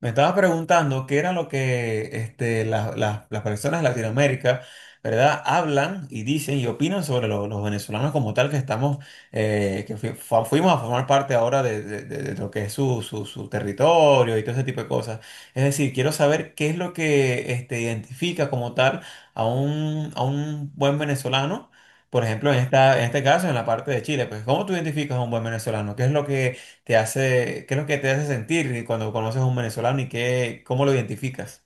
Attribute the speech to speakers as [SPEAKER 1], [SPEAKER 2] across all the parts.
[SPEAKER 1] Me estaba preguntando qué era lo que las personas de Latinoamérica, ¿verdad? Hablan y dicen y opinan sobre los venezolanos como tal que estamos, que fuimos a formar parte ahora de lo que es su territorio y todo ese tipo de cosas. Es decir, quiero saber qué es lo que identifica como tal a un buen venezolano. Por ejemplo, en este caso, en la parte de Chile, pues, ¿cómo tú identificas a un buen venezolano? ¿Qué es lo que te hace, qué es lo que te hace sentir cuando conoces a un venezolano y qué, cómo lo identificas?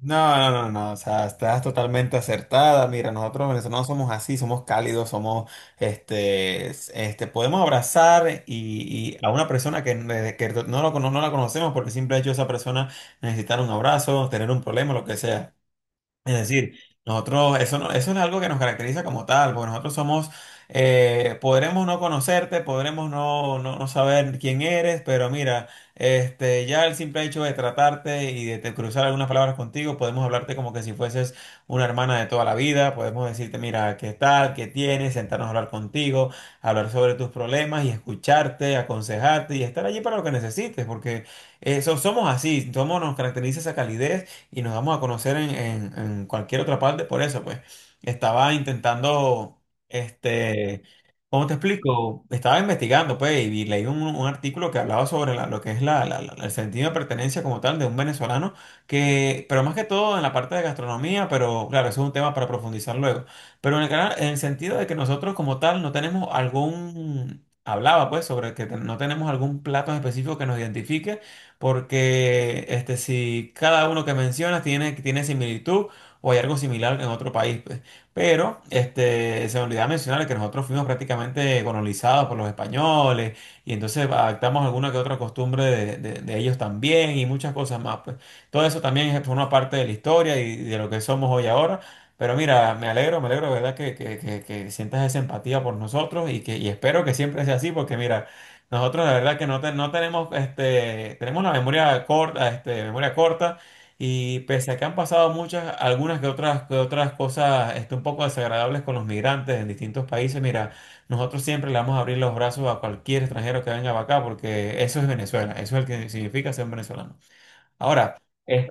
[SPEAKER 1] No, no, no, no, o sea, estás totalmente acertada. Mira, nosotros los venezolanos somos así, somos cálidos, somos, este, podemos abrazar y a una persona que no, no la conocemos porque siempre ha hecho esa persona necesitar un abrazo, tener un problema, lo que sea. Es decir, nosotros, eso, eso no es algo que nos caracteriza como tal, porque nosotros somos, podremos no conocerte, podremos no saber quién eres, pero mira, ya el simple hecho de tratarte y cruzar algunas palabras contigo, podemos hablarte como que si fueses una hermana de toda la vida, podemos decirte, mira, qué tal, qué tienes, sentarnos a hablar contigo, hablar sobre tus problemas y escucharte, aconsejarte y estar allí para lo que necesites, porque eso somos así, somos, nos caracteriza esa calidez y nos damos a conocer en, en cualquier otra parte. Por eso, pues, estaba intentando, este, ¿cómo te explico? Estaba investigando, pues, y leí un artículo que hablaba sobre lo que es el sentido de pertenencia como tal de un venezolano, que, pero más que todo en la parte de gastronomía, pero claro, eso es un tema para profundizar luego. Pero en el, en el sentido de que nosotros como tal no tenemos algún... Hablaba pues sobre que no tenemos algún plato en específico que nos identifique, porque si cada uno que mencionas tiene, tiene similitud o hay algo similar en otro país, pues. Pero se me olvidaba mencionar que nosotros fuimos prácticamente colonizados por los españoles y entonces adaptamos alguna que otra costumbre de, de ellos también y muchas cosas más, pues. Todo eso también es una parte de la historia y de lo que somos hoy ahora. Pero mira, me alegro, ¿verdad? Que sientas esa empatía por nosotros y que y espero que siempre sea así, porque mira, nosotros la verdad que no, no tenemos, tenemos una memoria corta, memoria corta y pese a que han pasado muchas, algunas que otras cosas un poco desagradables con los migrantes en distintos países, mira, nosotros siempre le vamos a abrir los brazos a cualquier extranjero que venga para acá porque eso es Venezuela, eso es lo que significa ser venezolano. Ahora, es-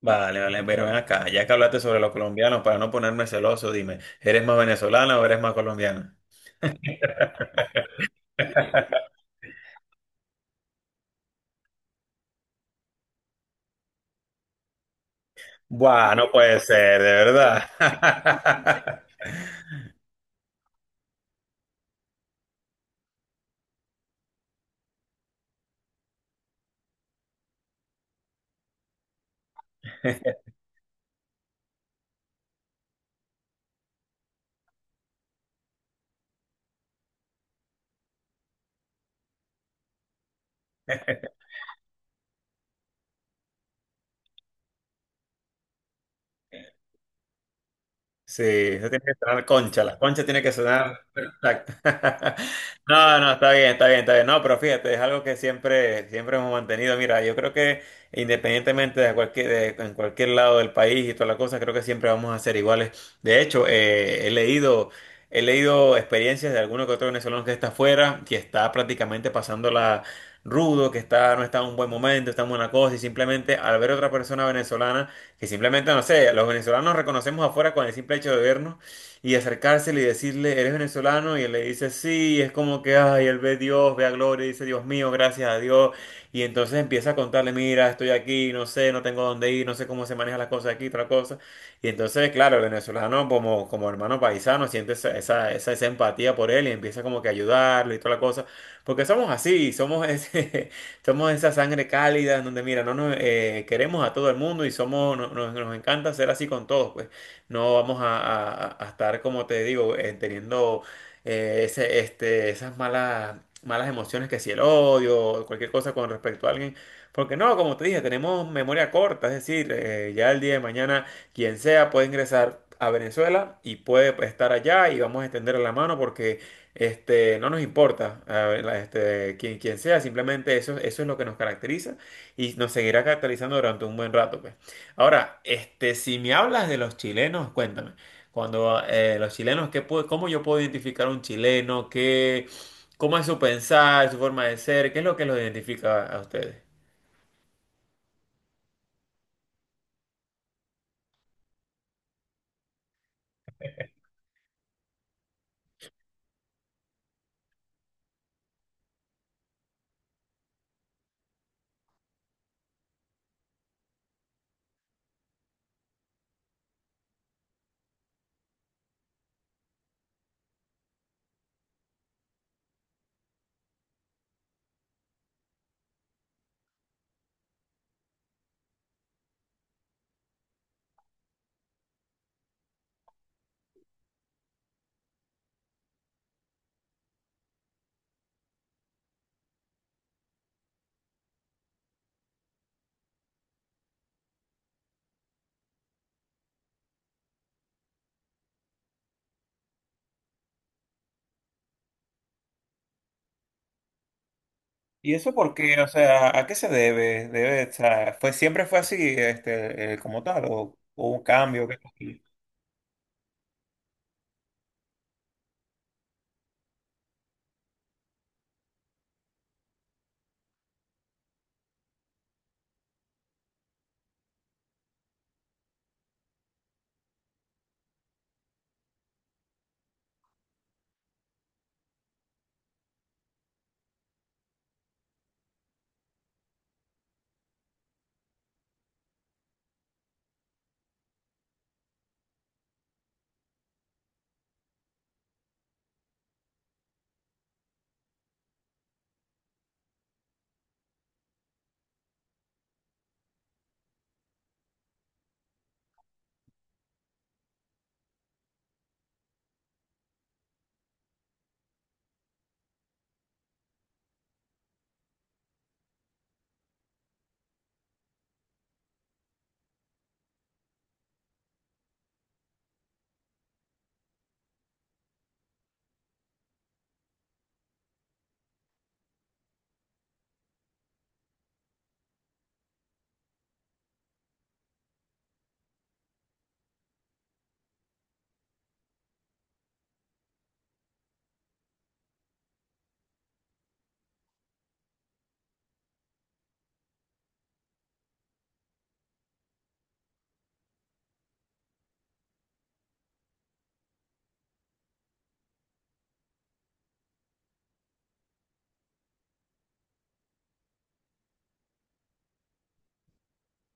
[SPEAKER 1] Vale, vale, pero ven acá, ya que hablaste sobre los colombianos, para no ponerme celoso, dime, ¿eres más venezolana o eres más colombiana? Buah, Puede ser, de verdad. Sí, eso tiene que sonar concha, las conchas tiene que sonar perfecta. No, no, está bien, está bien, está bien. No, pero fíjate, es algo que siempre, siempre hemos mantenido. Mira, yo creo que independientemente de cualquier, en cualquier lado del país y toda la cosa, creo que siempre vamos a ser iguales. De hecho, he leído experiencias de alguno que otro venezolano que está afuera, que está prácticamente pasándola rudo, que está, no está en un buen momento, está en buena cosa, y simplemente al ver otra persona venezolana que simplemente, no sé, los venezolanos reconocemos afuera con el simple hecho de vernos y acercársele y decirle, eres venezolano, y él le dice, sí, y es como que, ay, él ve Dios, ve a Gloria, y dice, Dios mío, gracias a Dios, y entonces empieza a contarle, mira, estoy aquí, no sé, no tengo dónde ir, no sé cómo se manejan las cosas aquí, otra cosa, y entonces, claro, el venezolano como, como hermano paisano siente esa, esa, esa, esa empatía por él y empieza como que a ayudarlo y toda la cosa, porque somos así, somos ese... Somos esa sangre cálida en donde, mira, no nos queremos a todo el mundo y somos, nos encanta ser así con todos, pues no vamos a, a estar, como te digo, teniendo esas malas, malas emociones que si el odio o cualquier cosa con respecto a alguien. Porque no, como te dije, tenemos memoria corta, es decir, ya el día de mañana quien sea puede ingresar a Venezuela y puede estar allá y vamos a extender la mano porque... Este, no nos importa, a ver, quien, quien sea, simplemente eso, eso es lo que nos caracteriza y nos seguirá caracterizando durante un buen rato, pues. Ahora, si me hablas de los chilenos, cuéntame, cuando los chilenos, ¿qué cómo yo puedo identificar a un chileno? ¿Qué, cómo es su pensar, su forma de ser? ¿Qué es lo que los identifica a ustedes? ¿Y eso por qué? O sea, ¿a qué se debe? Debe, o sea, fue, siempre fue así, como tal, o hubo un cambio. ¿Qué?